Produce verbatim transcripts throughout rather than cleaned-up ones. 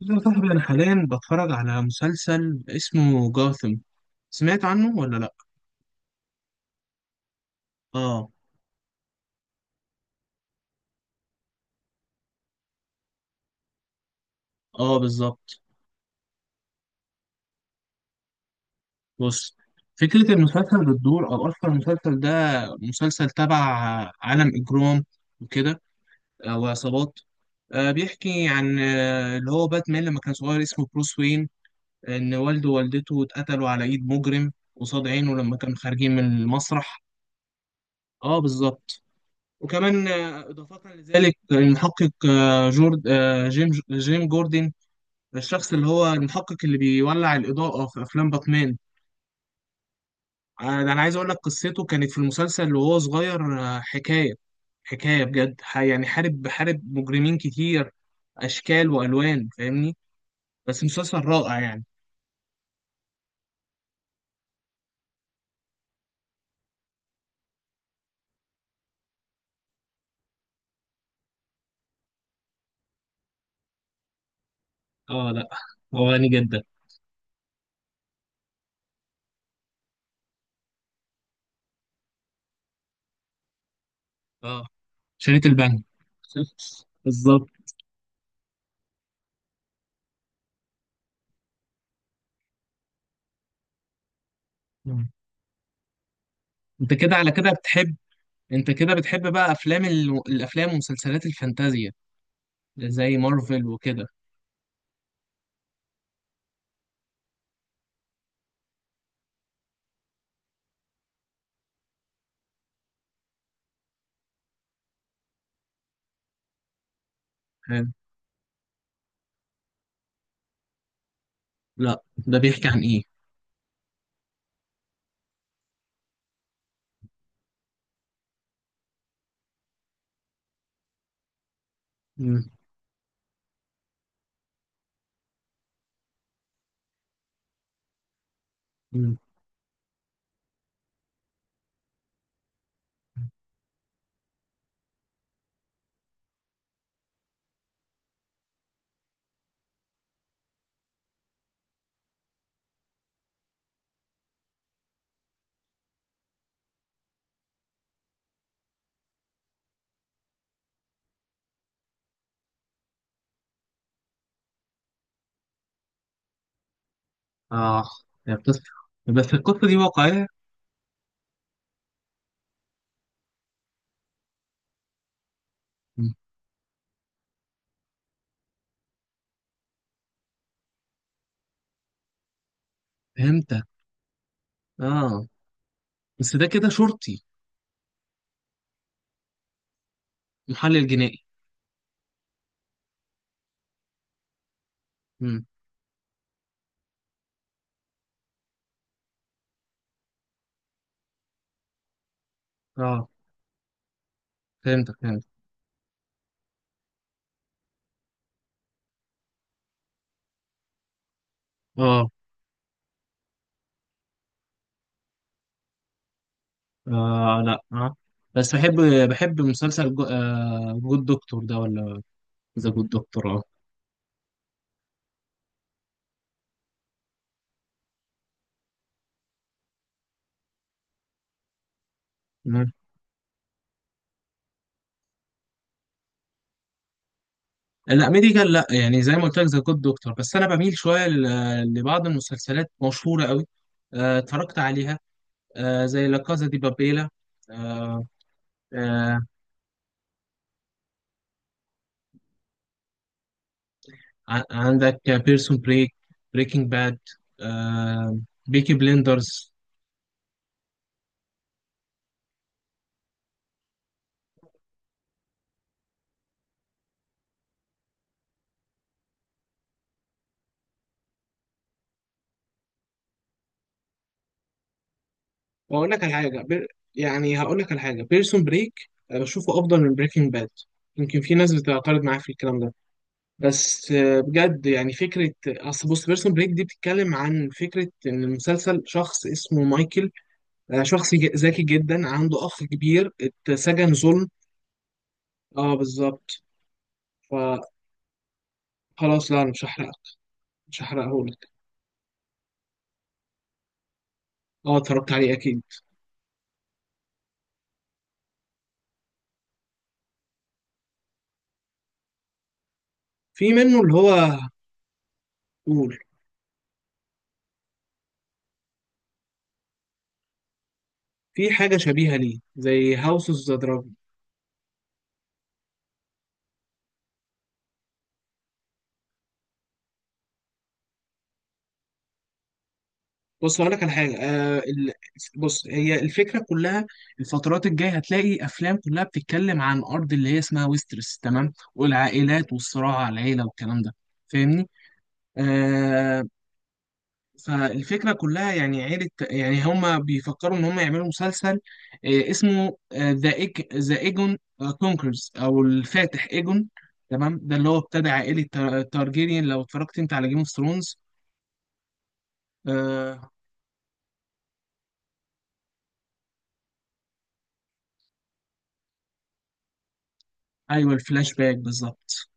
بص يا صاحبي، أنا حاليا بتفرج على مسلسل اسمه جاثم. سمعت عنه ولا لأ؟ آه. آه بالظبط. بص، فكرة المسلسل بتدور، أو أصلا المسلسل ده مسلسل تبع عالم إجرام وكده، أو عصابات. آه، بيحكي عن آه، اللي هو باتمان لما كان صغير اسمه بروس وين، إن والده ووالدته اتقتلوا على إيد مجرم قصاد عينه لما كانوا خارجين من المسرح. آه بالظبط. وكمان آه، إضافة لذلك المحقق آه، جورد آه، جيم جيم جوردن، الشخص اللي هو المحقق اللي بيولع الإضاءة في أفلام باتمان. آه، ده أنا عايز أقول لك قصته كانت في المسلسل وهو صغير. آه، حكاية حكاية بجد ح- يعني حارب حارب مجرمين كتير، أشكال وألوان، فاهمني. بس مسلسل رائع يعني. اه لا، هو غني جدا. اه، شريط البنك. بالظبط. مم. انت كده على كده بتحب، انت كده بتحب بقى افلام ال... الافلام ومسلسلات الفانتازيا، زي مارفل وكده. حلو. لا، ده بيحكي عن ايه؟ مم. مم. اه، يا قصة، بس القصة دي واقعية. مم. فهمتك. اه، بس ده كده شرطي. محلل جنائي. مم. اه، فهمتك، فهمت. اه. اه لا، اه، بس بحب بحب مسلسل جو... آه... جود دكتور ده، ولا ذا جود دكتور؟ اه لا، ميديكال لا، يعني زي ما قلت لك ذا جود دكتور، بس انا بميل شويه ل- لبعض المسلسلات مشهوره قوي. آه، اتفرجت عليها آه، زي لا كازا دي بابيلا. آه، آه، ع- عندك بيرسون بريك، بريكنج باد، بيكي بليندرز. واقول لك على حاجه بير... يعني هقول لك على حاجه بيرسون بريك، بشوفه افضل من بريكنج باد. يمكن في ناس بتعترض معايا في الكلام ده، بس آه، بجد يعني فكرة، أصل بص بيرسون بريك دي بتتكلم عن فكرة إن المسلسل شخص اسمه مايكل، آه، شخص ج- ذكي جدا، عنده أخ كبير اتسجن ظلم. اه بالظبط. فخلاص، لا أنا مش هحرقه، مش هحرقهولك. اه، اتفرجت عليه أكيد. في منه اللي هو. قول. في حاجة شبيهة ليه زي هاوس اوف ذا. بص هقول لك على حاجه آه ال... بص هي الفكره كلها، الفترات الجايه هتلاقي افلام كلها بتتكلم عن ارض اللي هي اسمها ويسترس، تمام، والعائلات والصراع على العيله والكلام ده. فاهمني. آه. فالفكره كلها يعني عيله، يعني هما بيفكروا ان هما يعملوا مسلسل، آه اسمه ذا إيج... ذا ايجون كونكرز، او الفاتح ايجون. تمام، ده اللي هو ابتدى عائله تار- تارجيريان لو اتفرجت انت على جيم اوف ثرونز. آه. ايوه الفلاش باك بالظبط.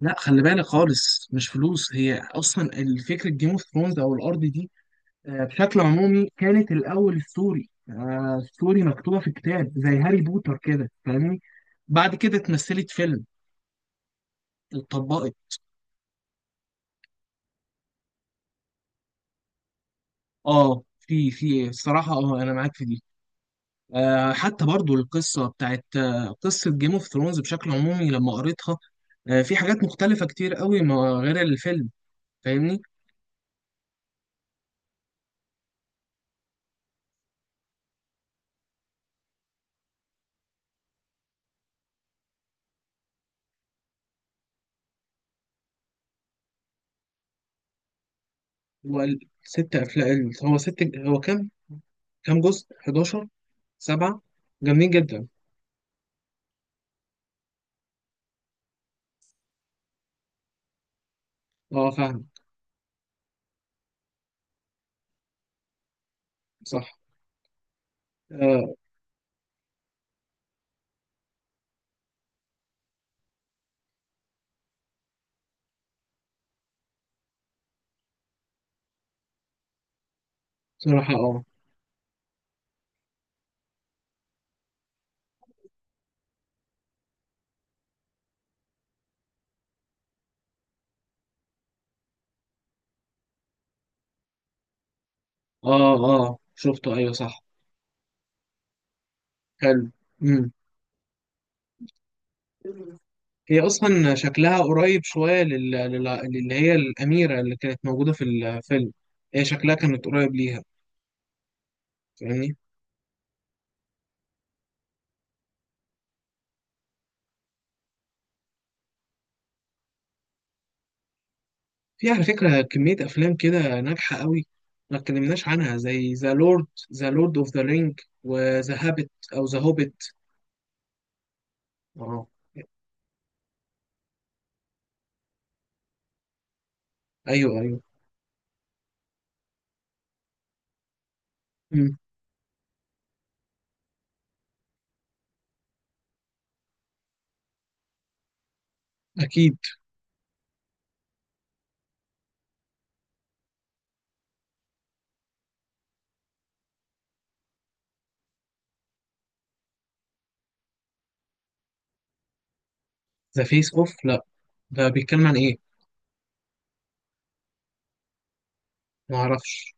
لا خلي بالك، خالص مش فلوس، هي اصلا الفكره جيم اوف ثرونز او الارض دي. آه، بشكل عمومي كانت الاول ستوري، آه، ستوري مكتوبه في كتاب زي هاري بوتر كده، فاهمني. بعد كده اتمثلت فيلم، اتطبقت. اه، في في الصراحه، اه انا معاك في دي. آه، حتى برضو القصه بتاعت آه، قصه جيم اوف ثرونز بشكل عمومي لما قريتها. آه، في حاجات مختلفه كتير قوي ما غير الفيلم، فاهمني. هو ال- ست افلام، هو ست، هو كام كام جزء حداشر؟ سبعة، جامدين جدا. اه فاهم، صح. آه، بصراحة. اه اه اه شفته، ايوه صح. حلو. امم هي اصلا شكلها قريب شوية لل... لل... اللي هي الأميرة اللي كانت موجودة في الفيلم، هي شكلها كانت قريب ليها، فاهمني. في على فكرة كمية أفلام كده ناجحة قوي ما اتكلمناش عنها، زي ذا لورد ذا لورد اوف ذا رينج، وذا هابت او ذا هوبت. اه. ايوه ايوه. امم اكيد. ذا فيس اوف، لا ده بيتكلم عن ايه؟ ما اعرفش.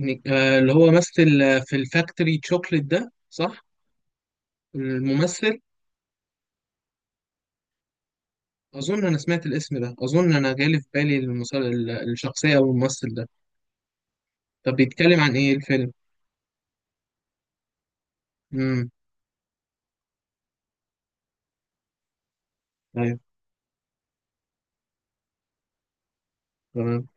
إن- آه، اللي هو مثل آه، في الفاكتوري تشوكلت ده، صح؟ الممثل، اظن انا سمعت الاسم ده، اظن انا جالي في بالي المسل... ال- الشخصية او الممثل ده. طب بيتكلم عن ايه الفيلم؟ امم ايوه، تمام.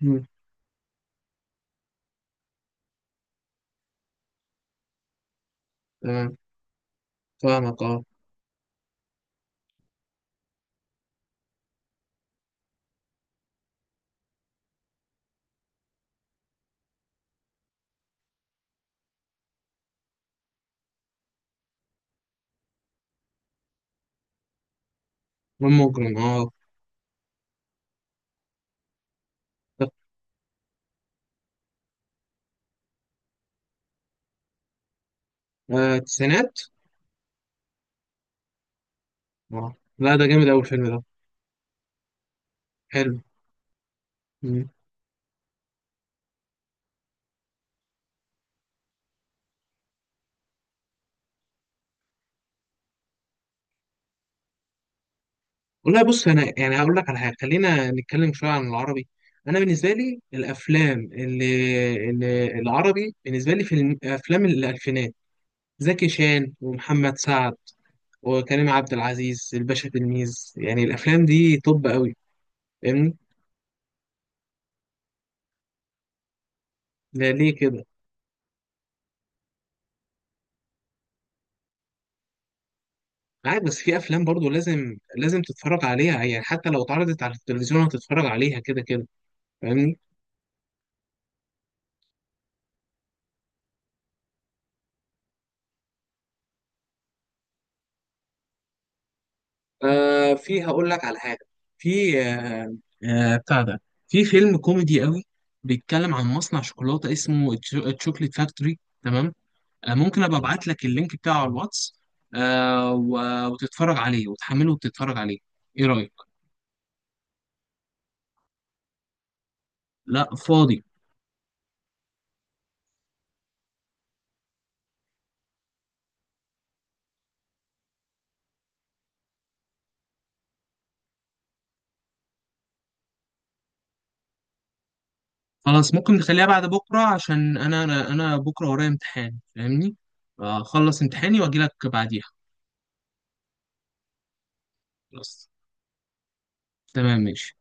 مم، تمام، فاهمك، اه. مجرم، اه. طب، آه، التسعينات؟ اه لا، ده جامد اوي الفيلم ده. حلو. والله بص انا يعني هقول لك على حاجه، خلينا نتكلم شويه عن العربي. انا بالنسبه لي الافلام اللي, اللي العربي بالنسبه لي في الم- افلام الالفينات، زكي شان ومحمد سعد وكريم عبد العزيز الباشا تلميذ، يعني الافلام دي طب قوي، فاهمني. لا ليه كده؟ عادي، بس في افلام برضو لازم لازم تتفرج عليها، يعني حتى لو اتعرضت على التلفزيون هتتفرج عليها كده كده، فاهمني. آه، في هقول لك على حاجة، في آه آه بتاع ده، في فيلم كوميدي قوي بيتكلم عن مصنع شوكولاتة اسمه تشوكليت فاكتوري، تمام. آه ممكن ابقى ابعت لك اللينك بتاعه على الواتس، آه و- وتتفرج عليه وتحمله وتتفرج عليه. ايه رأيك؟ لا فاضي. خلاص ممكن نخليها بعد بكرة عشان انا انا أنا بكرة ورايا امتحان، فاهمني. اخلص امتحاني واجي لك بعديها. خلاص. تمام ماشي.